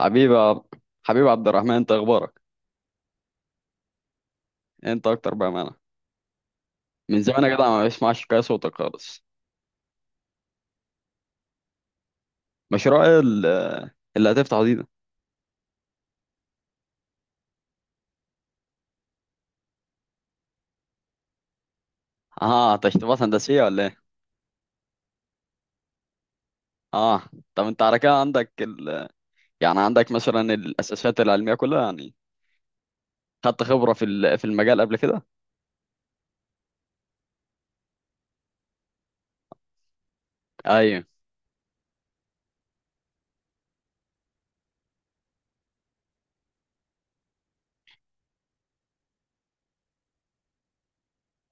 حبيبي حبيبي عبد الرحمن، انت اخبارك؟ انت اكتر بقى معنا. من زمان يا جدع ما بسمعش كده صوتك خالص. مشروع ايه اللي هتفتحه دي ده؟ اه، تشطيبات هندسيه ولا ايه؟ اه. طب انت على كده عندك يعني عندك مثلا الاساسات العلميه كلها، يعني خدت خبره في المجال قبل كده؟ ايوه.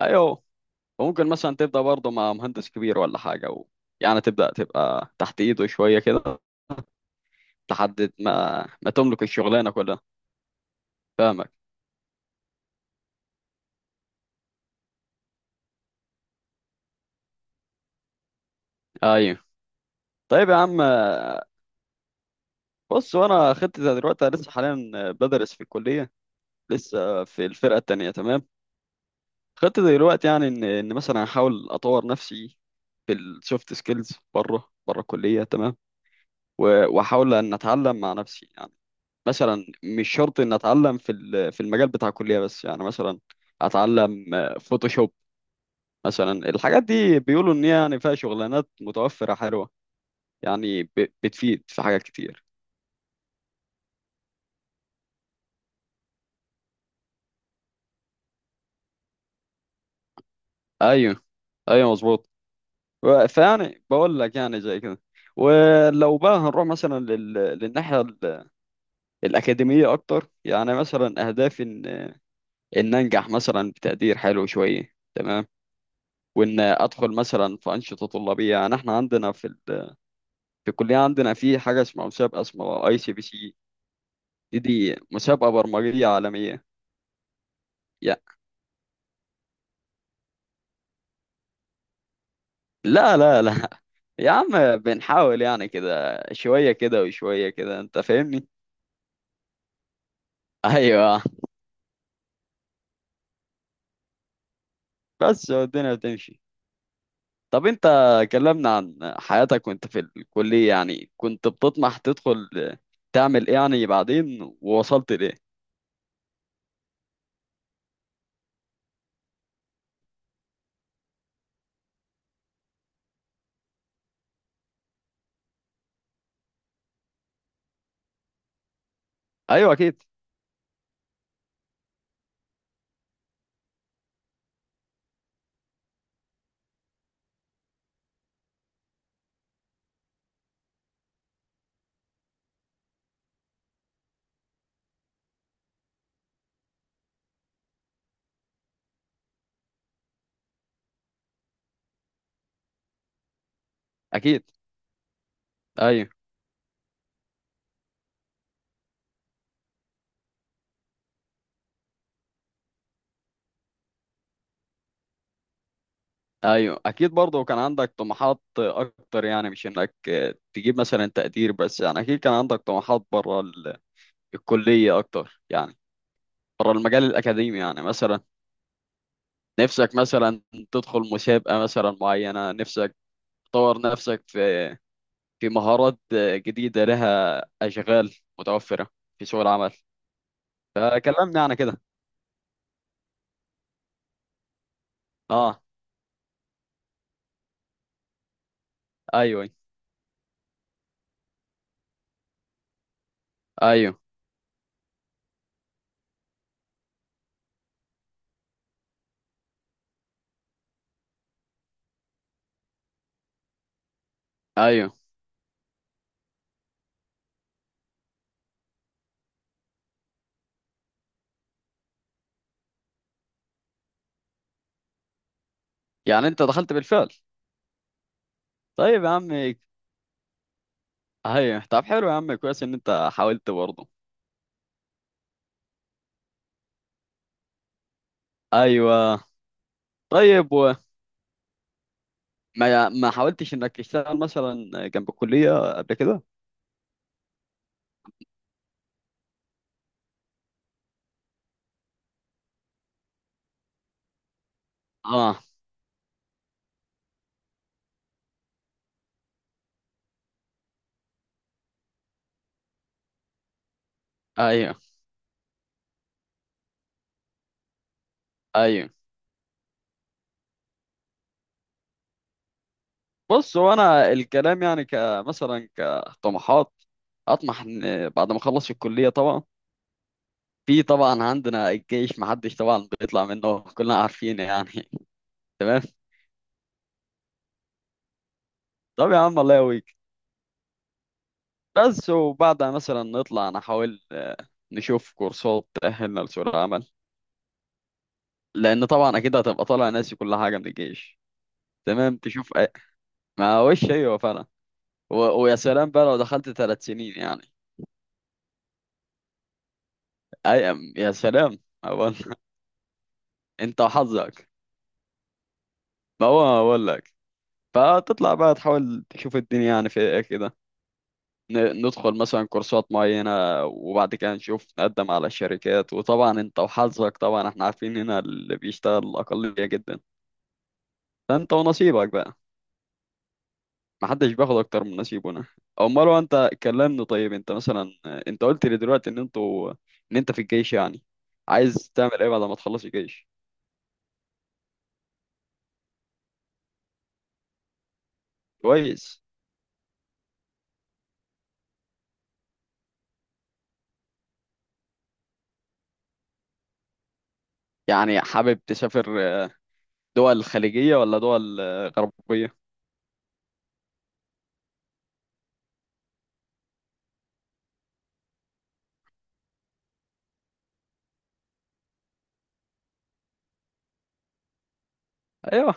ايوه. وممكن مثلا تبدا برضه مع مهندس كبير ولا حاجه، يعني تبدا تبقى تحت ايده شويه كده لحد ما تملك الشغلانه كلها. فاهمك. ايوه. طيب يا عم، بص. وانا خطتي زي دلوقتي، أنا لسه حاليا بدرس في الكليه، لسه في الفرقه التانيه، تمام. خطتي دلوقتي يعني ان مثلا احاول اطور نفسي في السوفت سكيلز بره الكليه، تمام. واحاول ان اتعلم مع نفسي يعني. مثلا مش شرط ان اتعلم في المجال بتاع الكليه، بس يعني مثلا اتعلم فوتوشوب. مثلا الحاجات دي بيقولوا ان هي يعني فيها شغلانات متوفره حلوه، يعني بتفيد في حاجات كتير. ايوه. ايوه، مظبوط. فيعني بقول لك يعني زي كده. ولو بقى هنروح مثلا للناحية الأكاديمية أكتر، يعني مثلا أهدافي إن أنجح مثلا بتقدير حلو شوية، تمام. وإن أدخل مثلا في أنشطة طلابية، يعني إحنا عندنا في في الكلية عندنا في حاجة اسمها مسابقة، اسمها ACPC. دي مسابقة برمجية عالمية. يا لا، لا، لا. يا عم بنحاول يعني كده شوية كده وشوية كده، أنت فاهمني؟ أيوه. بس الدنيا بتمشي. طب انت كلمنا عن حياتك وانت في الكلية، يعني كنت بتطمح تدخل تعمل ايه يعني بعدين، ووصلت لايه؟ ايوه. اكيد، اكيد. ايوه. ايوه، اكيد برضه كان عندك طموحات اكتر، يعني مش انك تجيب مثلا تقدير بس. يعني اكيد كان عندك طموحات بره الكلية اكتر يعني، بره المجال الاكاديمي، يعني مثلا نفسك مثلا تدخل مسابقة مثلا معينة، نفسك تطور نفسك في مهارات جديدة لها أشغال متوفرة في سوق العمل، فكلمني عن كده. اه. ايوه. ايوه. ايوه. يعني انت دخلت بالفعل. طيب يا عم. ايوه، طب حلو يا عم، كويس ان انت حاولت برضه. ايوه. طيب، وما ما حاولتش انك تشتغل مثلا جنب الكلية قبل كده؟ اه. ايوه. ايوه. بص هو انا الكلام يعني كمثلا كطموحات اطمح ان بعد ما اخلص الكلية طبعا. في طبعا عندنا الجيش محدش طبعا بيطلع منه، كلنا عارفين يعني. تمام. طب يا عم، الله يقويك. بس وبعدها مثلا نطلع نحاول نشوف كورسات تأهلنا لسوق العمل، لأن طبعا أكيد هتبقى طالع ناسي كل حاجة من الجيش. تمام. تشوف ما وش، أيوه فعلا. ويا سلام بقى لو دخلت 3 سنين يعني. أي، يا سلام أقول. أنت وحظك. ما هو أقول لك. فتطلع بقى تحاول تشوف الدنيا يعني في إيه كده. ندخل مثلا كورسات معينة، وبعد كده نشوف نقدم على الشركات. وطبعا انت وحظك، طبعا احنا عارفين هنا اللي بيشتغل أقلية جدا، فانت ونصيبك بقى. محدش بياخد اكتر من نصيبه هنا. امال هو انت كلمني، طيب انت مثلا، انت قلت لي دلوقتي ان انت في الجيش يعني، عايز تعمل ايه بعد ما تخلص الجيش؟ كويس. يعني حابب تسافر دول خليجية ولا دول غربية؟ ايوه.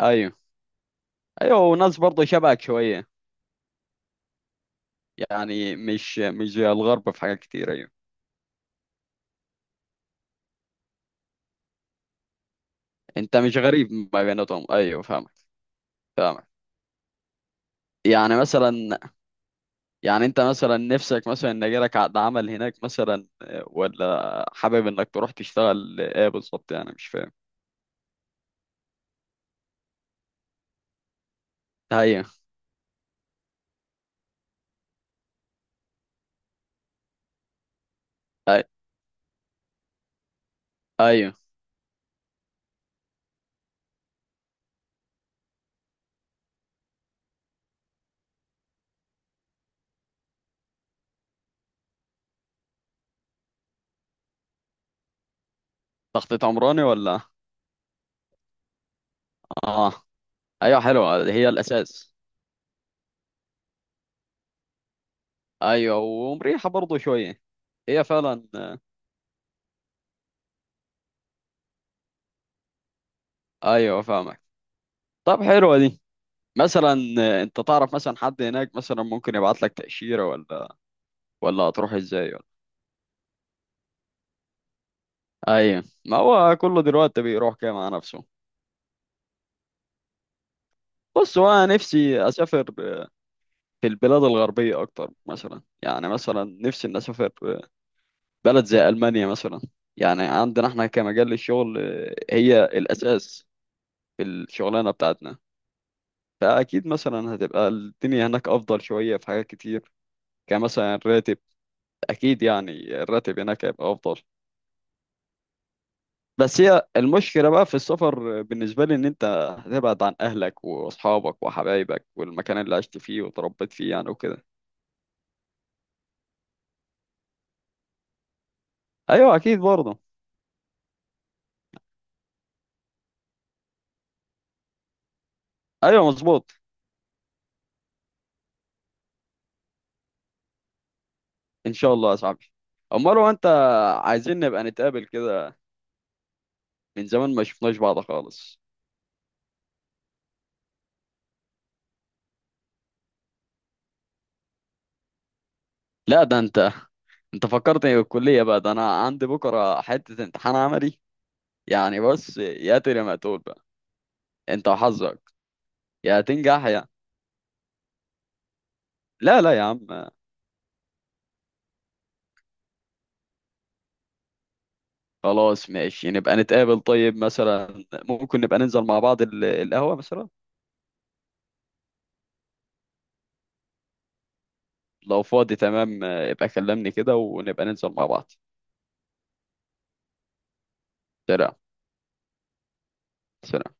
ايوه. ايوه. وناس برضه شبهك شوية. يعني مش زي الغرب في حاجات كتير، ايوه. انت مش غريب ما بيناتهم، ايوه فاهمك. فاهمك. يعني مثلا، يعني انت مثلا نفسك مثلا ان يجيلك عقد عمل هناك مثلا، ولا حابب انك تروح تشتغل ايه بالظبط؟ يعني مش فاهم. ايوه. أي- ايوه، تخطيط عمراني ولا؟ اه. ايوه، حلوه هي الاساس. ايوه، ومريحه برضه شويه. هي فعلا، ايوه فاهمك. طب حلوه دي. مثلا انت تعرف مثلا حد هناك مثلا ممكن يبعت لك تأشيرة ولا هتروح ازاي ولا؟ ايوه. ما هو كله دلوقتي بيروح كده مع نفسه. بص هو انا نفسي اسافر في البلاد الغربيه اكتر مثلا، يعني مثلا نفسي ان اسافر بلد زي المانيا مثلا. يعني عندنا احنا كمجال الشغل، هي الاساس في الشغلانه بتاعتنا، فاكيد مثلا هتبقى الدنيا هناك افضل شويه في حاجات كتير، كمثلا الراتب. اكيد، يعني الراتب هناك هيبقى افضل. بس هي المشكلة بقى في السفر بالنسبة لي، إن أنت هتبعد عن أهلك وأصحابك وحبايبك والمكان اللي عشت فيه وتربيت فيه يعني، وكده. أيوه أكيد برضه. أيوه مظبوط. إن شاء الله يا صاحبي. أمال هو أنت، عايزين نبقى نتقابل كده، من زمان ما شفناش بعض خالص. لا، ده أنت فكرتني بالكلية بقى، ده أنا عندي بكرة حتة امتحان عملي. يعني بص يا ترى، ما تقول بقى، أنت وحظك، يا تنجح يا، لا، لا يا عم. خلاص ماشي، نبقى نتقابل، طيب مثلا ممكن نبقى ننزل مع بعض القهوة مثلا، لو فاضي تمام، يبقى كلمني كده ونبقى ننزل مع بعض. سلام. سلام.